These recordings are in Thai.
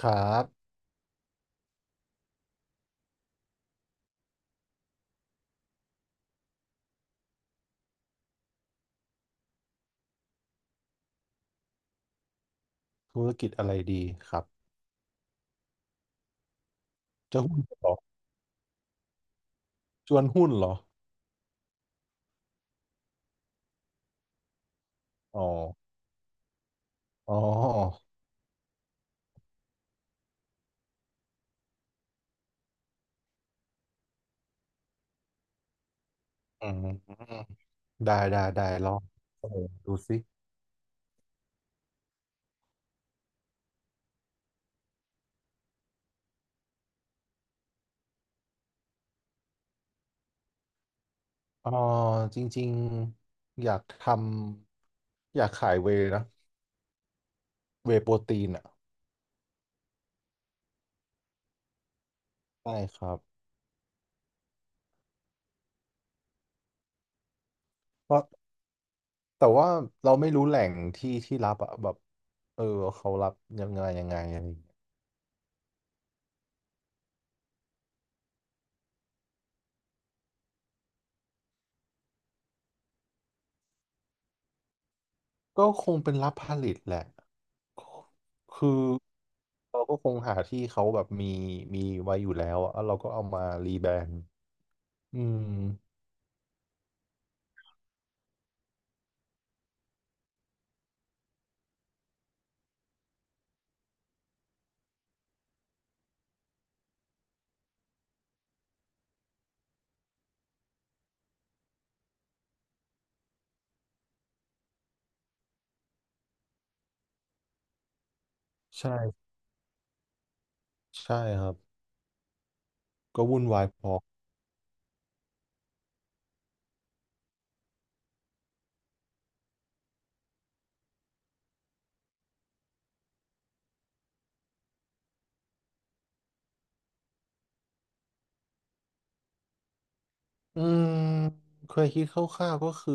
ครับธุรกิจอะไรดีครับจะหุ้นเหรอชวนหุ้นเหรออ๋ออ๋ออืมได้ได้ได้ลองเสนอดูสิเอ๋อจริงๆ อยากทำ อยากขายเวย์นะ เวย์โปรตีนอ่ะใช่ครับเพราะแต่ว่าเราไม่รู้แหล่งที่ที่รับอะแบบเออ เขารับยังไงยังไงอะไรอย่างเงี้ยก็คงเป็นรับผลิตแหละ คือเราก็คงหาที่เขาแบบมีไว้อยู่แล้วอะแล้วเราก็เอามารีแบรนด์อืมใช่ใช่ครับก็วุ่นวายพออืมเคยคิดคร่าวๆก็คือ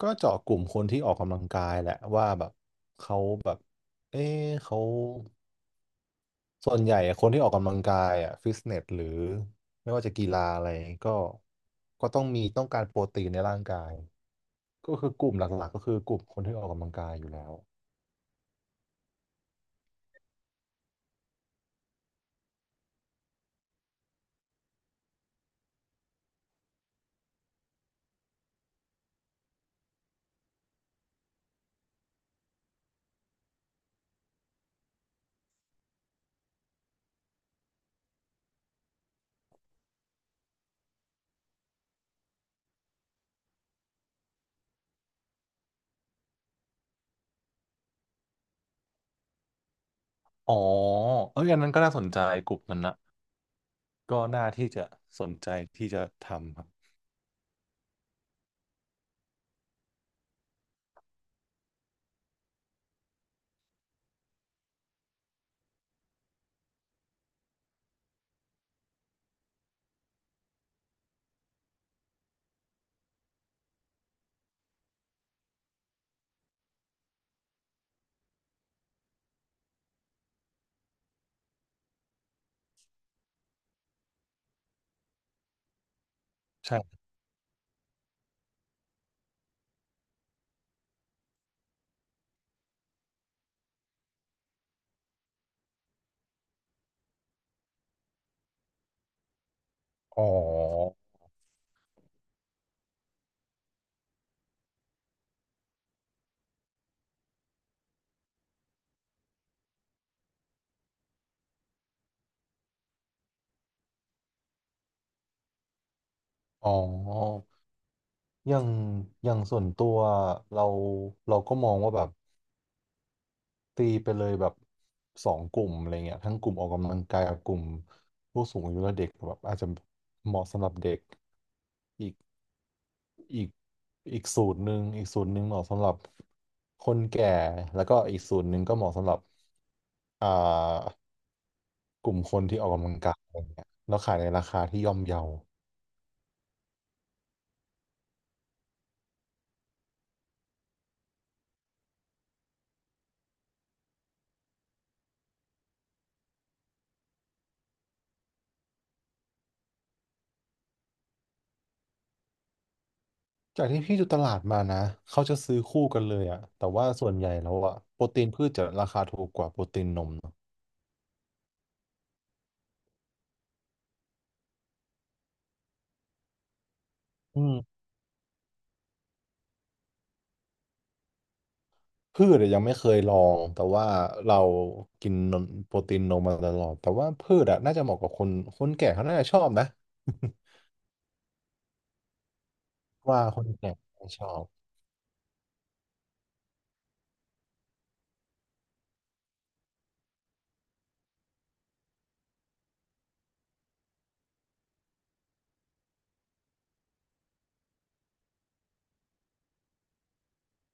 ก็เจาะกลุ่มคนที่ออกกำลังกายแหละว่าแบบเขาแบบเอ๊ะเขาส่วนใหญ่คนที่ออกกำลังกายอ่ะฟิตเนสหรือไม่ว่าจะกีฬาอะไรก็ก็ต้องมีต้องการโปรตีนในร่างกาย ก็คือกลุ่มหลักๆก็คือกลุ่มคนที่ออกกำลังกายอยู่แล้วอ๋อเอ้ยอันนั้นก็น่าสนใจกลุ่มนั้นนะก็น่าที่จะสนใจที่จะทำครับใช่อ๋ออ๋ออย่างอย่างส่วนตัวเราเราก็มองว่าแบบตีไปเลยแบบสองกลุ่มอะไรเงี้ยทั้งกลุ่มออกกำลังกายกับกลุ่มผู้สูงอายุและเด็กแบบอาจจะเหมาะสำหรับเด็กอีกอีกสูตรหนึ่งอีกสูตรหนึ่งเหมาะสำหรับคนแก่แล้วก็อีกสูตรหนึ่งก็เหมาะสำหรับ อ่ากลุ่มคนที่ออกกำลังกายอะไรเงี้ยแล้วขายในราคาที่ย่อมเยาจากที่พี่ดูตลาดมานะเขาจะซื้อคู่กันเลยอะแต่ว่าส่วนใหญ่แล้วอะโปรตีนพืชจะราคาถูกกว่าโปรตีนนมเนอะอืมพืชอะยังไม่เคยลองแต่ว่าเรากินนมโปรตีนนมมาตลอดแต่ว่าพืชอะน่าจะเหมาะกับคนคนแก่เขาน่าจะชอบนะ ว่าคนแก่ชอบ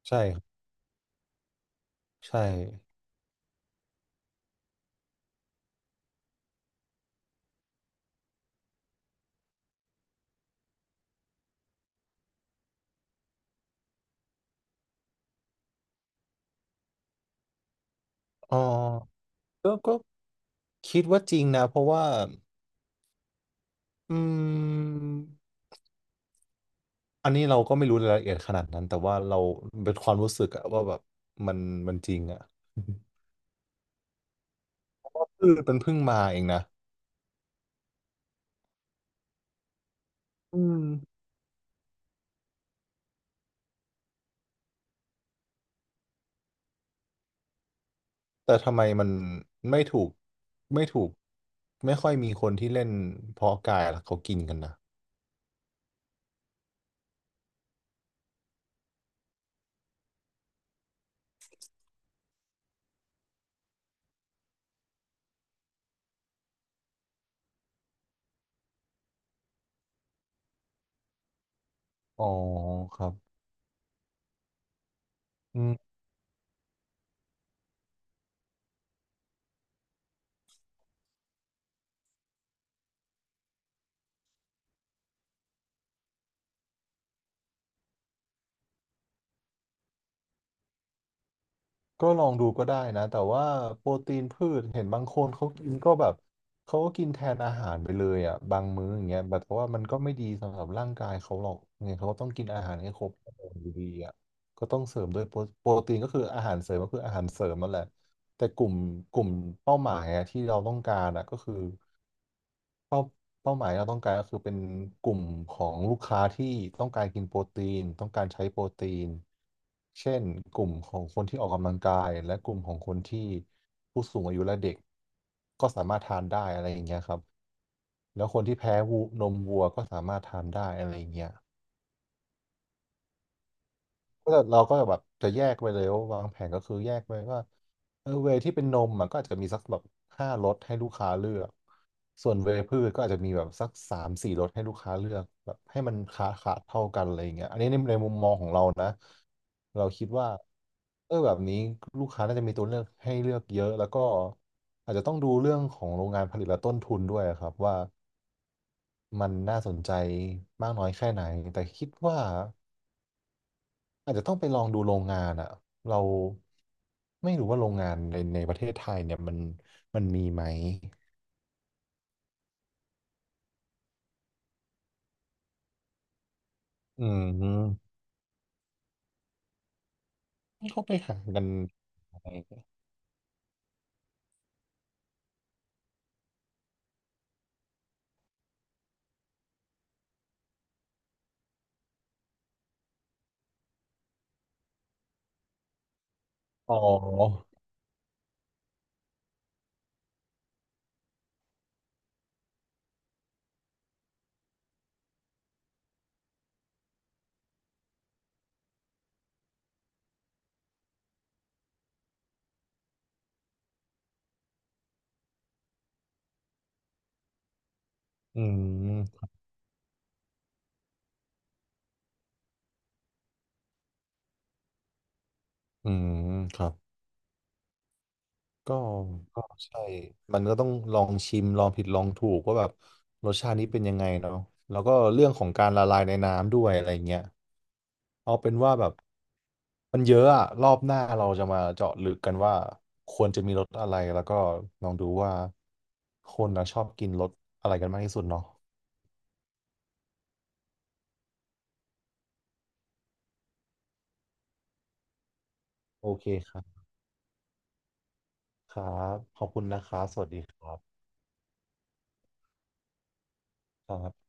ใช่ครับใช่อ๋อก็คิดว่าจริงนะเพราะว่าอืม อันนี้เราก็ไม่รู้รายละเอียดขนาดนั้นแต่ว่าเราเป็นความรู้สึกอะว่าแบบมันมันจริงอะคือมันเพิ่งมาเองนะอืมแต่ทำไมมันไม่ถูกไม่ถูกไม่ค่อยมีคนที่เล่นเพาะกายล่ะเขากินกันนะอ๋อครับอืม ก็ลองดูก็ได้นะแต่ว่าโปรตีนพืชเห็นบางคนเขากินก็แบบเขาก็กินแทนอาหารไปเลยอ่ะบางมื้ออย่างเงี้ยแบบเพราะว่ามันก็ไม่ดีสำหรับร่างกายเขาหรอกยังไงเขาก็ต้องกินอาหารให้ครบอยู่ดีอ่ะก็ต้องเสริมด้วยโปรโปรตีนก็คืออาหารเสริมก็คืออาหารเสริมนั่นแหละแต่กลุ่มเป้าหมายอะที่เราต้องการอ่ะก็คือ เป้าเป้าหมายเราต้องการก็คือเป็นกลุ่มของลูกค้าที่ต้องการกินโปรตีนต้องการใช้โปรตีนเช่นกลุ่มของคนที่ออกกำลังกายและกลุ่มของคนที่ผู้สูงอายุและเด็กก็สามารถทานได้อะไรอย่างเงี้ยครับแล้วคนที่แพ้วูนมวัวก็สามารถทานได้อะไรอย่างเงี้ย ก็เราก็แบบจะแยกไปเลยว่าวางแผนก็คือแยกไปว่าเออเวย์ที่เป็นนมมันก็อาจจะมีสักแบบ5 รสให้ลูกค้าเลือกส่วนเวย์พืชก็อาจจะมีแบบสัก3-4 รสให้ลูกค้าเลือกแบบให้มันขาดเท่ากันอะไรอย่างเงี้ยอันนี้ในในมุมมองของเรานะเราคิดว่าเออแบบนี้ลูกค้าน่าจะมีตัวเลือกให้เลือกเยอะแล้วก็อาจจะต้องดูเรื่องของโรงงานผลิตและต้นทุนด้วยครับว่ามันน่าสนใจมากน้อยแค่ไหนแต่คิดว่า อาจจะต้องไปลองดูโรงงานอ่ะเราไม่รู้ว่าโรงงานในในประเทศไทยเนี่ยมันมีไหมอืม่เขาไปหากันอะไรอ๋ออืมอืมครับ ก็ก็ใช่มันก็ต้องลองชิมลองผิดลองถูกว่าแบบรสชาตินี้เป็นยังไงเนาะแล้วก็เรื่องของการละลายในน้ำด้วยอะไรเงี้ยเอาเป็นว่าแบบมันเยอะอะรอบหน้าเราจะมาเจาะลึกกันว่าควรจะมีรสอะไรแล้วก็ลองดูว่าคนนะชอบกินรสอะไรกันมากที่สุดเนาะโอเคครับครับขอบคุณนะครับสวัสดีครับครับ